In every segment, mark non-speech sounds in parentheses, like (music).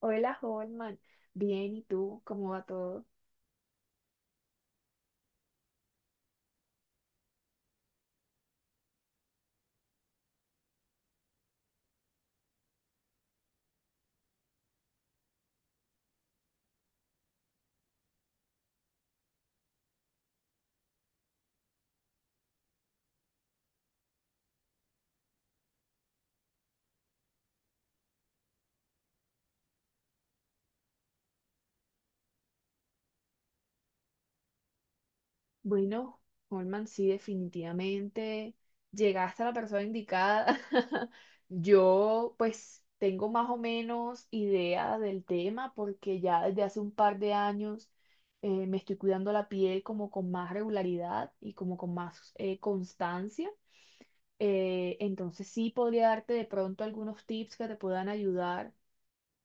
Hola, Holman. Bien, ¿y tú? ¿Cómo va todo? Bueno, Holman, sí, definitivamente llegaste a la persona indicada. (laughs) Yo, pues, tengo más o menos idea del tema porque ya desde hace un par de años me estoy cuidando la piel como con más regularidad y como con más constancia. Entonces sí podría darte de pronto algunos tips que te puedan ayudar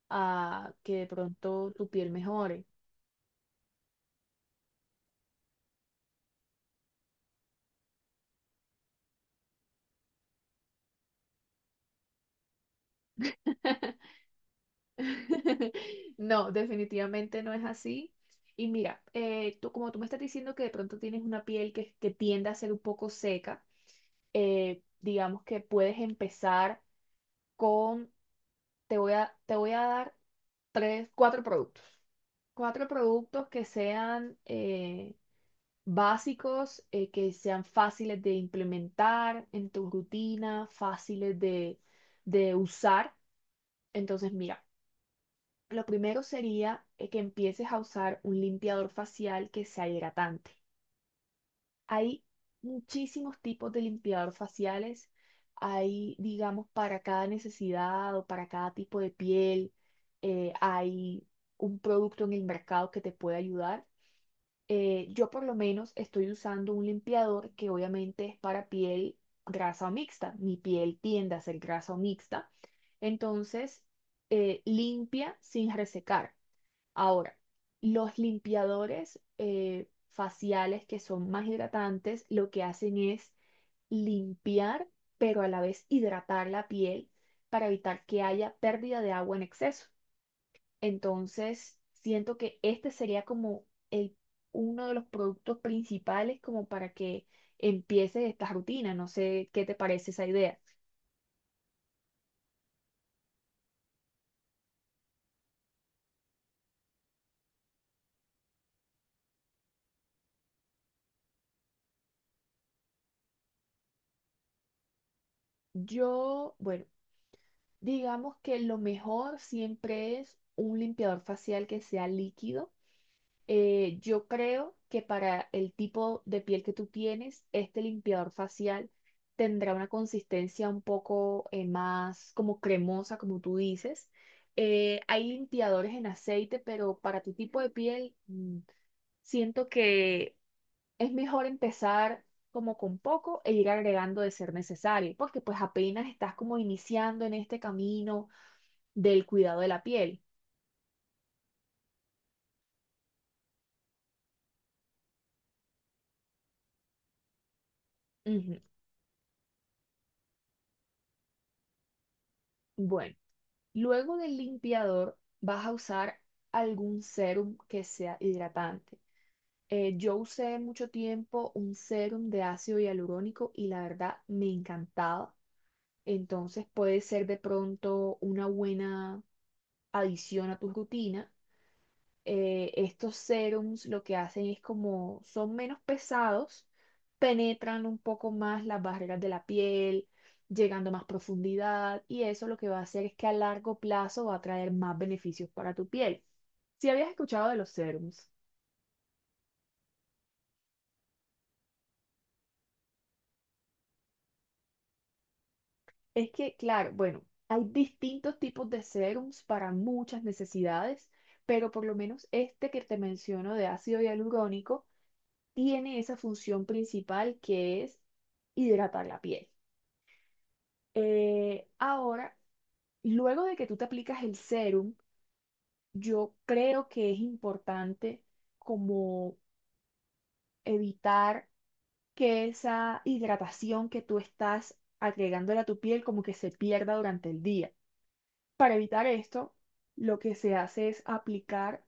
a que de pronto tu piel mejore. (laughs) (laughs) No, definitivamente no es así. Y mira, tú, como tú me estás diciendo que de pronto tienes una piel que tiende a ser un poco seca, digamos que puedes empezar con, te voy a dar tres, cuatro productos. Cuatro productos que sean básicos, que sean fáciles de implementar en tu rutina, de usar. Entonces, mira. Lo primero sería que empieces a usar un limpiador facial que sea hidratante. Hay muchísimos tipos de limpiador faciales. Hay, digamos, para cada necesidad o para cada tipo de piel. Hay un producto en el mercado que te puede ayudar. Yo por lo menos estoy usando un limpiador que obviamente es para piel grasa o mixta. Mi piel tiende a ser grasa o mixta. Entonces, limpia sin resecar. Ahora, los limpiadores faciales que son más hidratantes, lo que hacen es limpiar, pero a la vez hidratar la piel para evitar que haya pérdida de agua en exceso. Entonces, siento que este sería como el, uno de los productos principales como para que empieces esta rutina. No sé qué te parece esa idea. Yo, bueno, digamos que lo mejor siempre es un limpiador facial que sea líquido. Yo creo que para el tipo de piel que tú tienes, este limpiador facial tendrá una consistencia un poco más como cremosa, como tú dices. Hay limpiadores en aceite, pero para tu tipo de piel, siento que es mejor empezar como con poco e ir agregando de ser necesario, porque pues apenas estás como iniciando en este camino del cuidado de la piel. Ujú. Bueno. Luego del limpiador vas a usar algún serum que sea hidratante. Yo usé mucho tiempo un serum de ácido hialurónico y la verdad me encantaba. Entonces puede ser de pronto una buena adición a tu rutina. Estos serums lo que hacen es como son menos pesados, penetran un poco más las barreras de la piel, llegando a más profundidad, y eso lo que va a hacer es que a largo plazo va a traer más beneficios para tu piel. Si habías escuchado de los serums, es que, claro, bueno, hay distintos tipos de serums para muchas necesidades, pero por lo menos este que te menciono de ácido hialurónico tiene esa función principal, que es hidratar la piel. Ahora, luego de que tú te aplicas el serum, yo creo que es importante como evitar que esa hidratación que tú estás agregándole a tu piel como que se pierda durante el día. Para evitar esto, lo que se hace es aplicar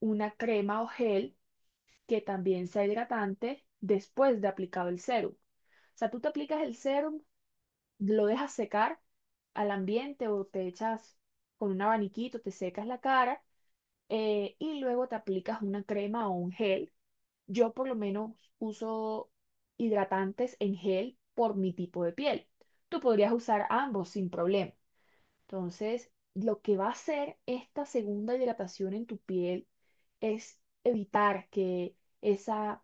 una crema o gel que también sea hidratante después de aplicado el serum. O sea, tú te aplicas el serum, lo dejas secar al ambiente o te echas con un abaniquito, te secas la cara, y luego te aplicas una crema o un gel. Yo por lo menos uso hidratantes en gel por mi tipo de piel. Tú podrías usar ambos sin problema. Entonces, lo que va a hacer esta segunda hidratación en tu piel es evitar que esa,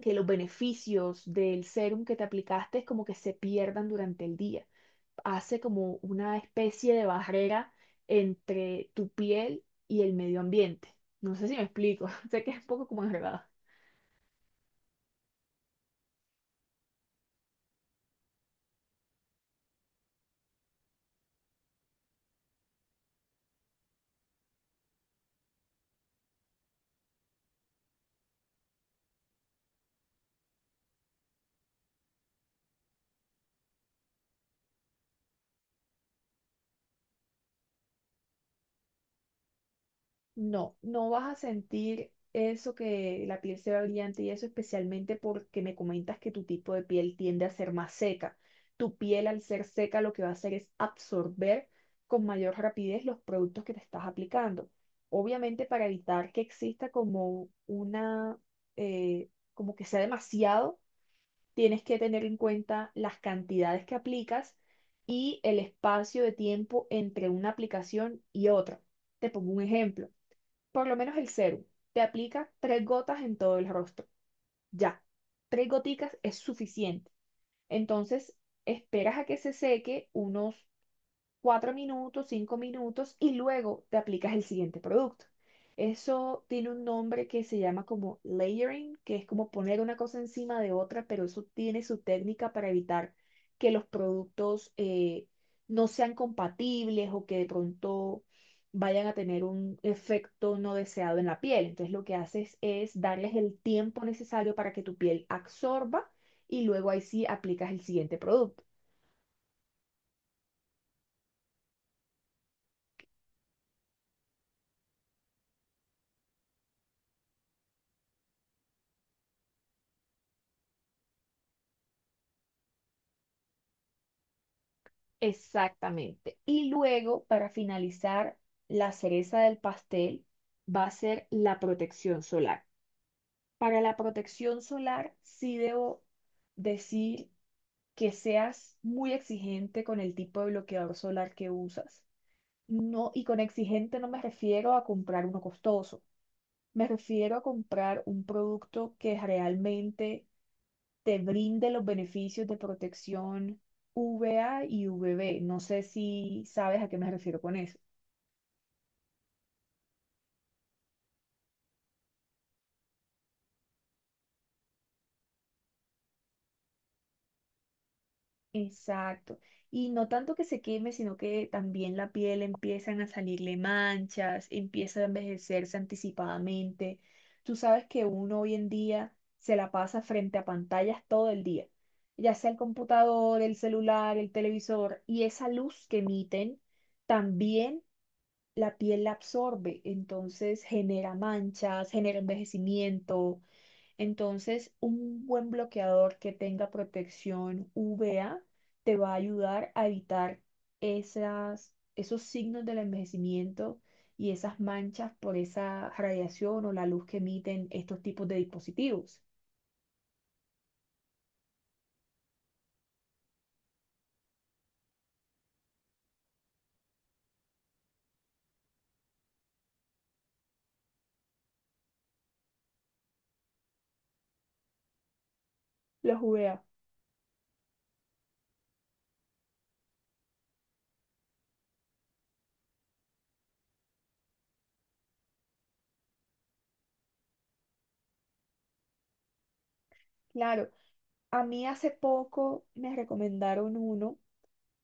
que los beneficios del serum que te aplicaste como que se pierdan durante el día. Hace como una especie de barrera entre tu piel y el medio ambiente. No sé si me explico, (laughs) sé que es un poco como enredado. No, no vas a sentir eso, que la piel se ve brillante y eso, especialmente porque me comentas que tu tipo de piel tiende a ser más seca. Tu piel al ser seca lo que va a hacer es absorber con mayor rapidez los productos que te estás aplicando. Obviamente para evitar que exista como una, eh, como que sea demasiado, tienes que tener en cuenta las cantidades que aplicas y el espacio de tiempo entre una aplicación y otra. Te pongo un ejemplo. Por lo menos el serum. Te aplica tres gotas en todo el rostro. Ya. Tres goticas es suficiente. Entonces, esperas a que se seque unos cuatro minutos, cinco minutos y luego te aplicas el siguiente producto. Eso tiene un nombre que se llama como layering, que es como poner una cosa encima de otra, pero eso tiene su técnica para evitar que los productos no sean compatibles o que de pronto vayan a tener un efecto no deseado en la piel. Entonces lo que haces es darles el tiempo necesario para que tu piel absorba y luego ahí sí aplicas el siguiente producto. Exactamente. Y luego, para finalizar, la cereza del pastel va a ser la protección solar. Para la protección solar, sí debo decir que seas muy exigente con el tipo de bloqueador solar que usas. No, y con exigente no me refiero a comprar uno costoso. Me refiero a comprar un producto que realmente te brinde los beneficios de protección VA y VB. No sé si sabes a qué me refiero con eso. Exacto. Y no tanto que se queme, sino que también la piel empiezan a salirle manchas, empieza a envejecerse anticipadamente. Tú sabes que uno hoy en día se la pasa frente a pantallas todo el día, ya sea el computador, el celular, el televisor, y esa luz que emiten también la piel la absorbe, entonces genera manchas, genera envejecimiento. Entonces, un buen bloqueador que tenga protección UVA te va a ayudar a evitar esas, esos signos del envejecimiento y esas manchas por esa radiación o la luz que emiten estos tipos de dispositivos. Los UVA, claro. A mí hace poco me recomendaron uno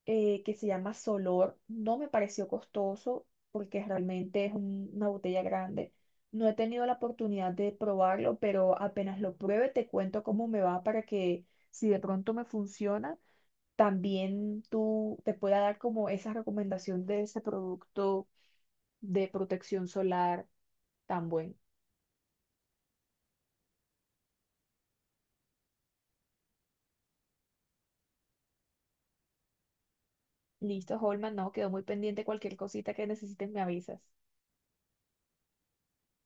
que se llama Solor. No me pareció costoso porque realmente es una botella grande. No he tenido la oportunidad de probarlo, pero apenas lo pruebe te cuento cómo me va, para que si de pronto me funciona, también tú te pueda dar como esa recomendación de ese producto de protección solar tan bueno. Listo, Holman, no, quedó muy pendiente. Cualquier cosita que necesites me avisas.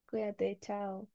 Cuídate, chao.